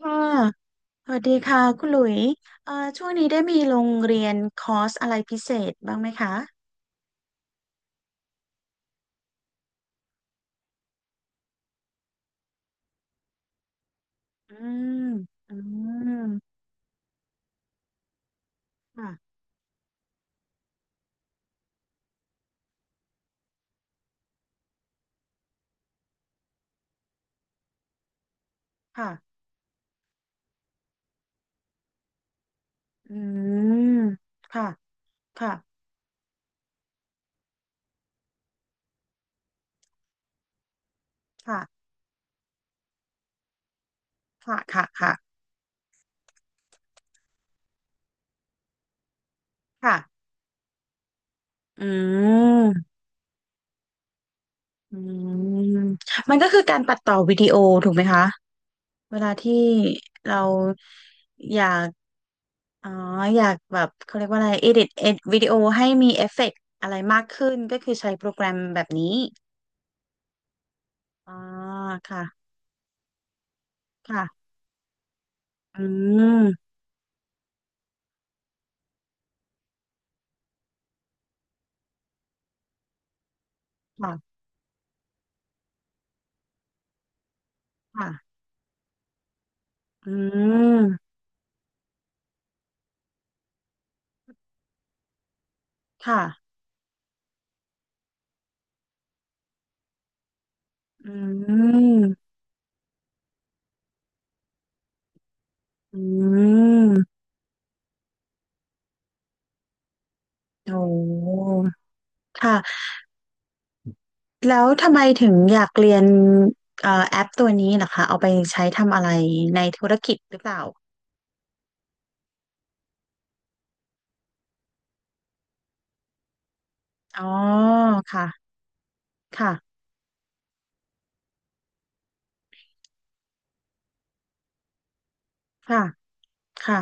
ค่ะ สวัสดีค่ะคุณหลุยช่วงนี้ได้มีโรงเรียนคอร์สอะไรพิเศษบ้างไหมคะอืมอืมค่ะค่ะอืมค่ะค่ะค่ะ ค่ะ ค่ะ ค่ะ ค่ะ อืม อืม มันก็คือการตัดต่อวิดีโอถูกไหมคะเวลาที่เราอยาก อ๋ออยากแบบเขาเรียกว่าอะไร edit วิดีโอให้มีเอฟเฟกต์อะไรมากขึ้นก็คือใช้โปรแกรมแบบนี้ อ่าค่ะค่ะอืมค่ะค่ะอืมค่ะอืมอืมโอ้ค่ะแล้วทำไมถึงอยากเรียนแอปตัวนี้ล่ะคะเอาไปใช้ทำอะไรในธุรกิจหรือเปล่าอ๋อค่ะค่ะค่ะค่ะ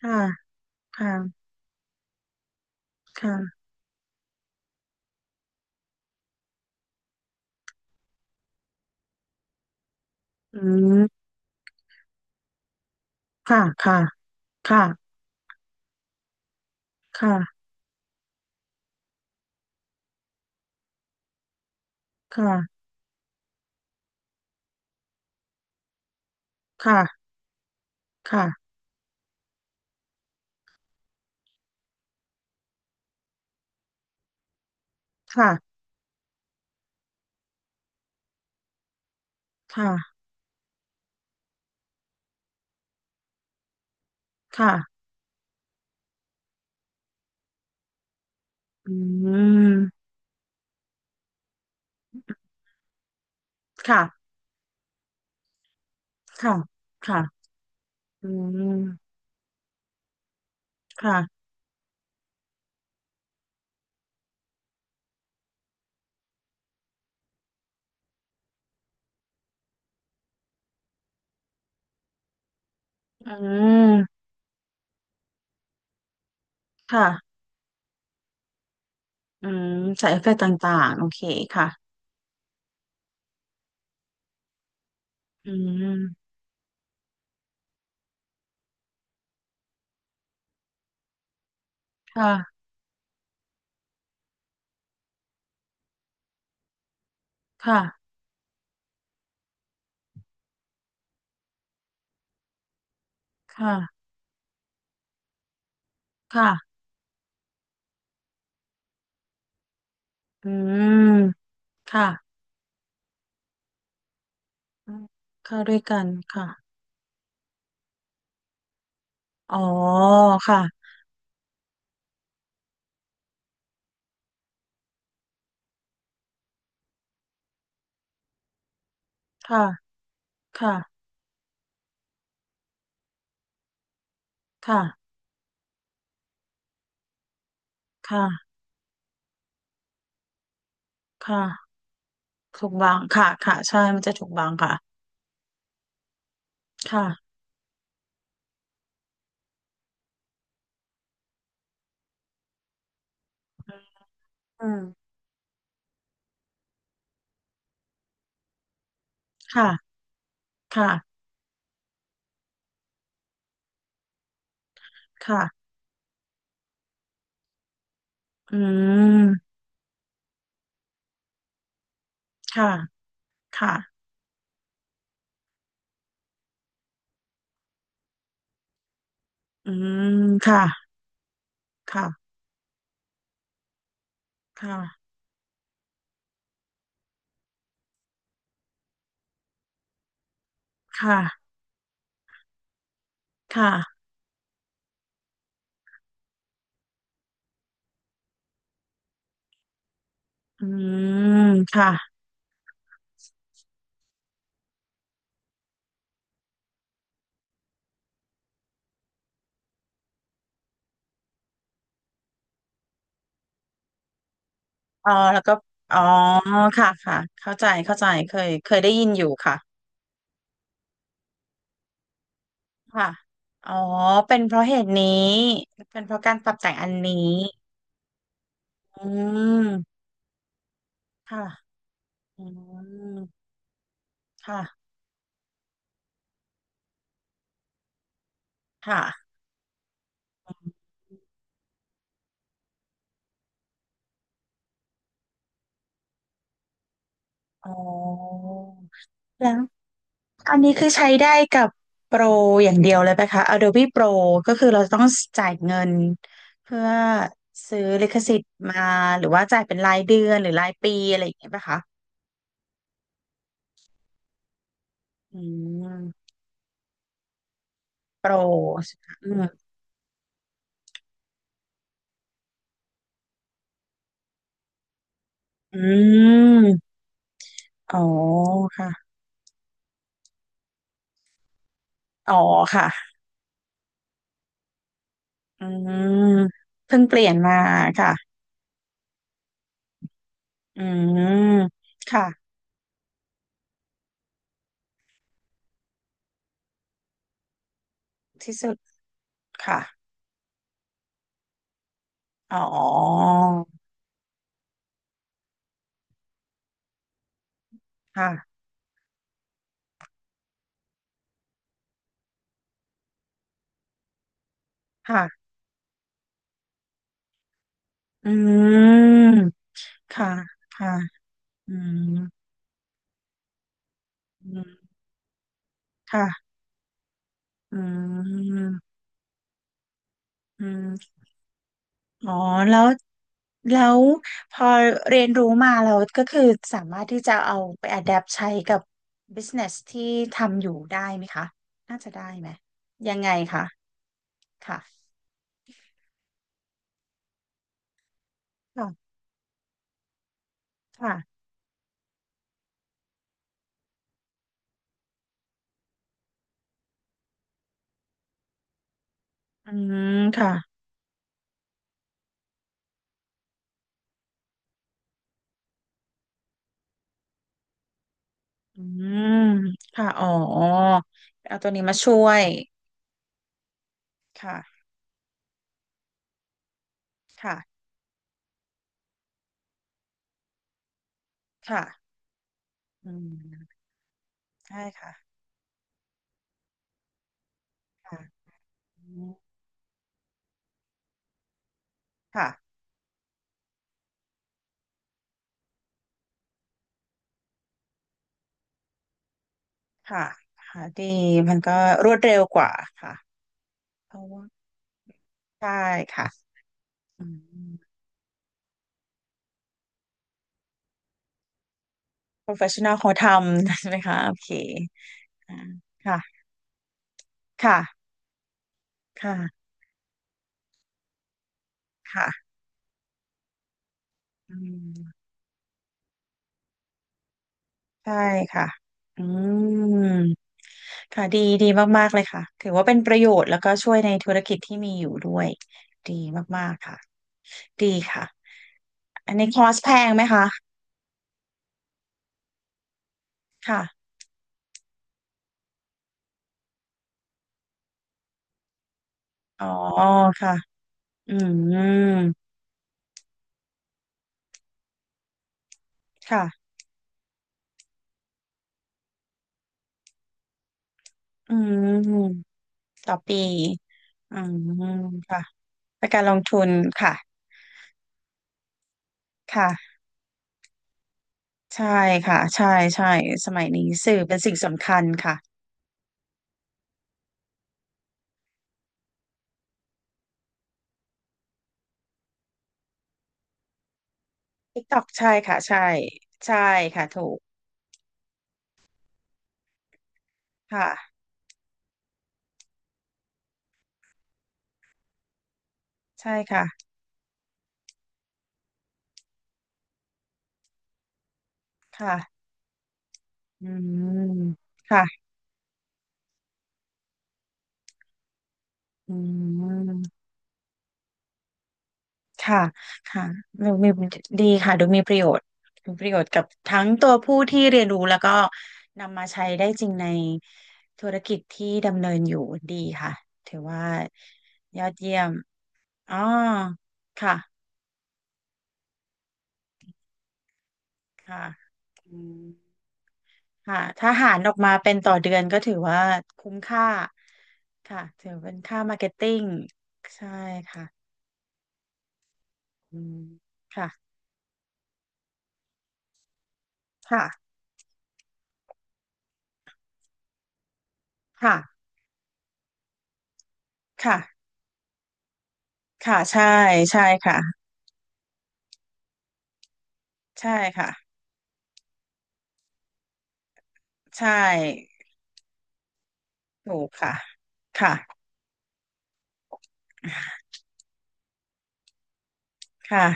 ค่ะค่ะค่ะอืมค่ะค่ะค่ะค่ะค่ะค่ะค่ะค่ะค่ะค่ะอืมค่ะ ค่ะค่ะอืมค่ะอืมค่ะอืมใส่เอฟเฟกต์ต่างๆ โอเค ค่ะอืมค่ะค่ะค่ะค่ะอืมค่ะอืมเข้าด้วยกันค่ะอ๋อค่ะค่ะค่ะค่ะค่ะค่ะถูกบางค่ะค่ะใช่มันจะถูกบางค่ะค่ะอืมค่ะค่ะค่ะอืมค่ะค่ะอืมค่ะค่ะค่ะค่ะ ค่ะอืมค่ะเออแล้วก็อ๋อค่ะ ค่ะเข้าใจเคยได้ยินอยู่ค่ะค่ะอ๋อเป็นเพราะเหตุนี้เป็นเพราะการปรับแต่งอันนี้อืมค่ะอืมค่ะค่ะอ๋อแล้วอันนี้คือใช้ได้กับโปรอย่างเดียวเลยไหมคะ Adobe Pro ก็คือเราต้องจ่ายเงินเพื่อซื้อลิขสิทธิ์มาหรือว่าจ่ายเป็นรายเดือนหรือรายปีอะไรอย่างเงี้ยไหมคะ อืมโปรอืมอืมอ๋อค่ะอ๋อค่ะอืมเพิ่งเปลี่ยนมาค่ะอืมค่ะที่สุดค่ะอ๋อค่ะค่ะอืมค่ะค่ะอืมอืมค่ะอืมอืม อ๋อแล้วแล้วพอเรียนรู้มาแล้วก็คือสามารถที่จะเอาไป adapt ใช้กับ business ที่ทำอยู่ได้ไหมคะน่าจะได้ไหมยังไงคะค่ะค่ะค่ะอืมค่ะอืมค่ะอ๋อเอาตัวนี้มาช่วยค่ะค่ะค่ะอืมใช่ค่ะค่ะอืมค่ะค่ะค่ะดีมันก็รวดเร็วกว่าค่ะเพราะว่าใช่ค่ะอืม professional เขาทำ ใช่ไหมคะโอเคอ่าค่ะค่ะค่ะค่ะอืมใช่ค่ะอืมค่ะดีมากๆเลยค่ะถือว่าเป็นประโยชน์แล้วก็ช่วยในธุรกิจที่มีอยู่ด้วยดีมากๆค่ะดีค่ะอันนี้คอร์สแพงไหมคะค่ะอ๋อค่ะอืมค่ะอืมต่อปีอืมค่ะประการลงทุนค่ะค่ะ ใช่ค่ะใช่ใช่สมัยนี้สื่อเป็นสิ่งสำคัญค่ะ TikTok ใช่ค่ะใช่ใช่ค่ะถูกค่ะใช่ค่ะค่ะอืมค่ะอืมค่ะค่ะดูมีดีค่ะดูมีประโยชน์มีประโยชน์กับทั้งตัวผู้ที่เรียนรู้แล้วก็นำมาใช้ได้จริงในธุรกิจที่ดำเนินอยู่ดีค่ะถือว่ายอดเยี่ยมอ๋อค่ะค่ะอืม ค่ะถ้าหารออกมาเป็นต่อเดือนก็ถือว่าคุ้มค่าค่ะถือเป็นค่ามาร์เก็ตติ้งใช่ค่ะอืมค่ะค่ะค่ะ ค่ะ ค่ะ ใช่ใช่ค่ะ ใช่ค่ะใช่ถูกค่ะค่ะค่ะ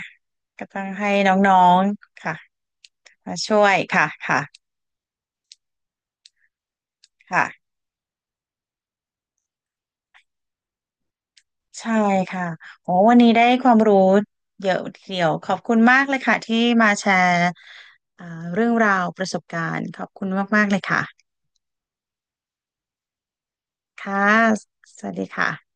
ก็ต้องให้น้องๆค่ะมาช่วยค่ะค่ะค่ะ ใช่ค่ะโอ้วันนี้ได้ความรู้เยอะทีเดียวขอบคุณมากเลยค่ะที่มาแชร์อ่าเรื่องราวประสบการณ์ขอบคุณมากๆเลยค่ะ ค่ะ สวัสดีค่ะ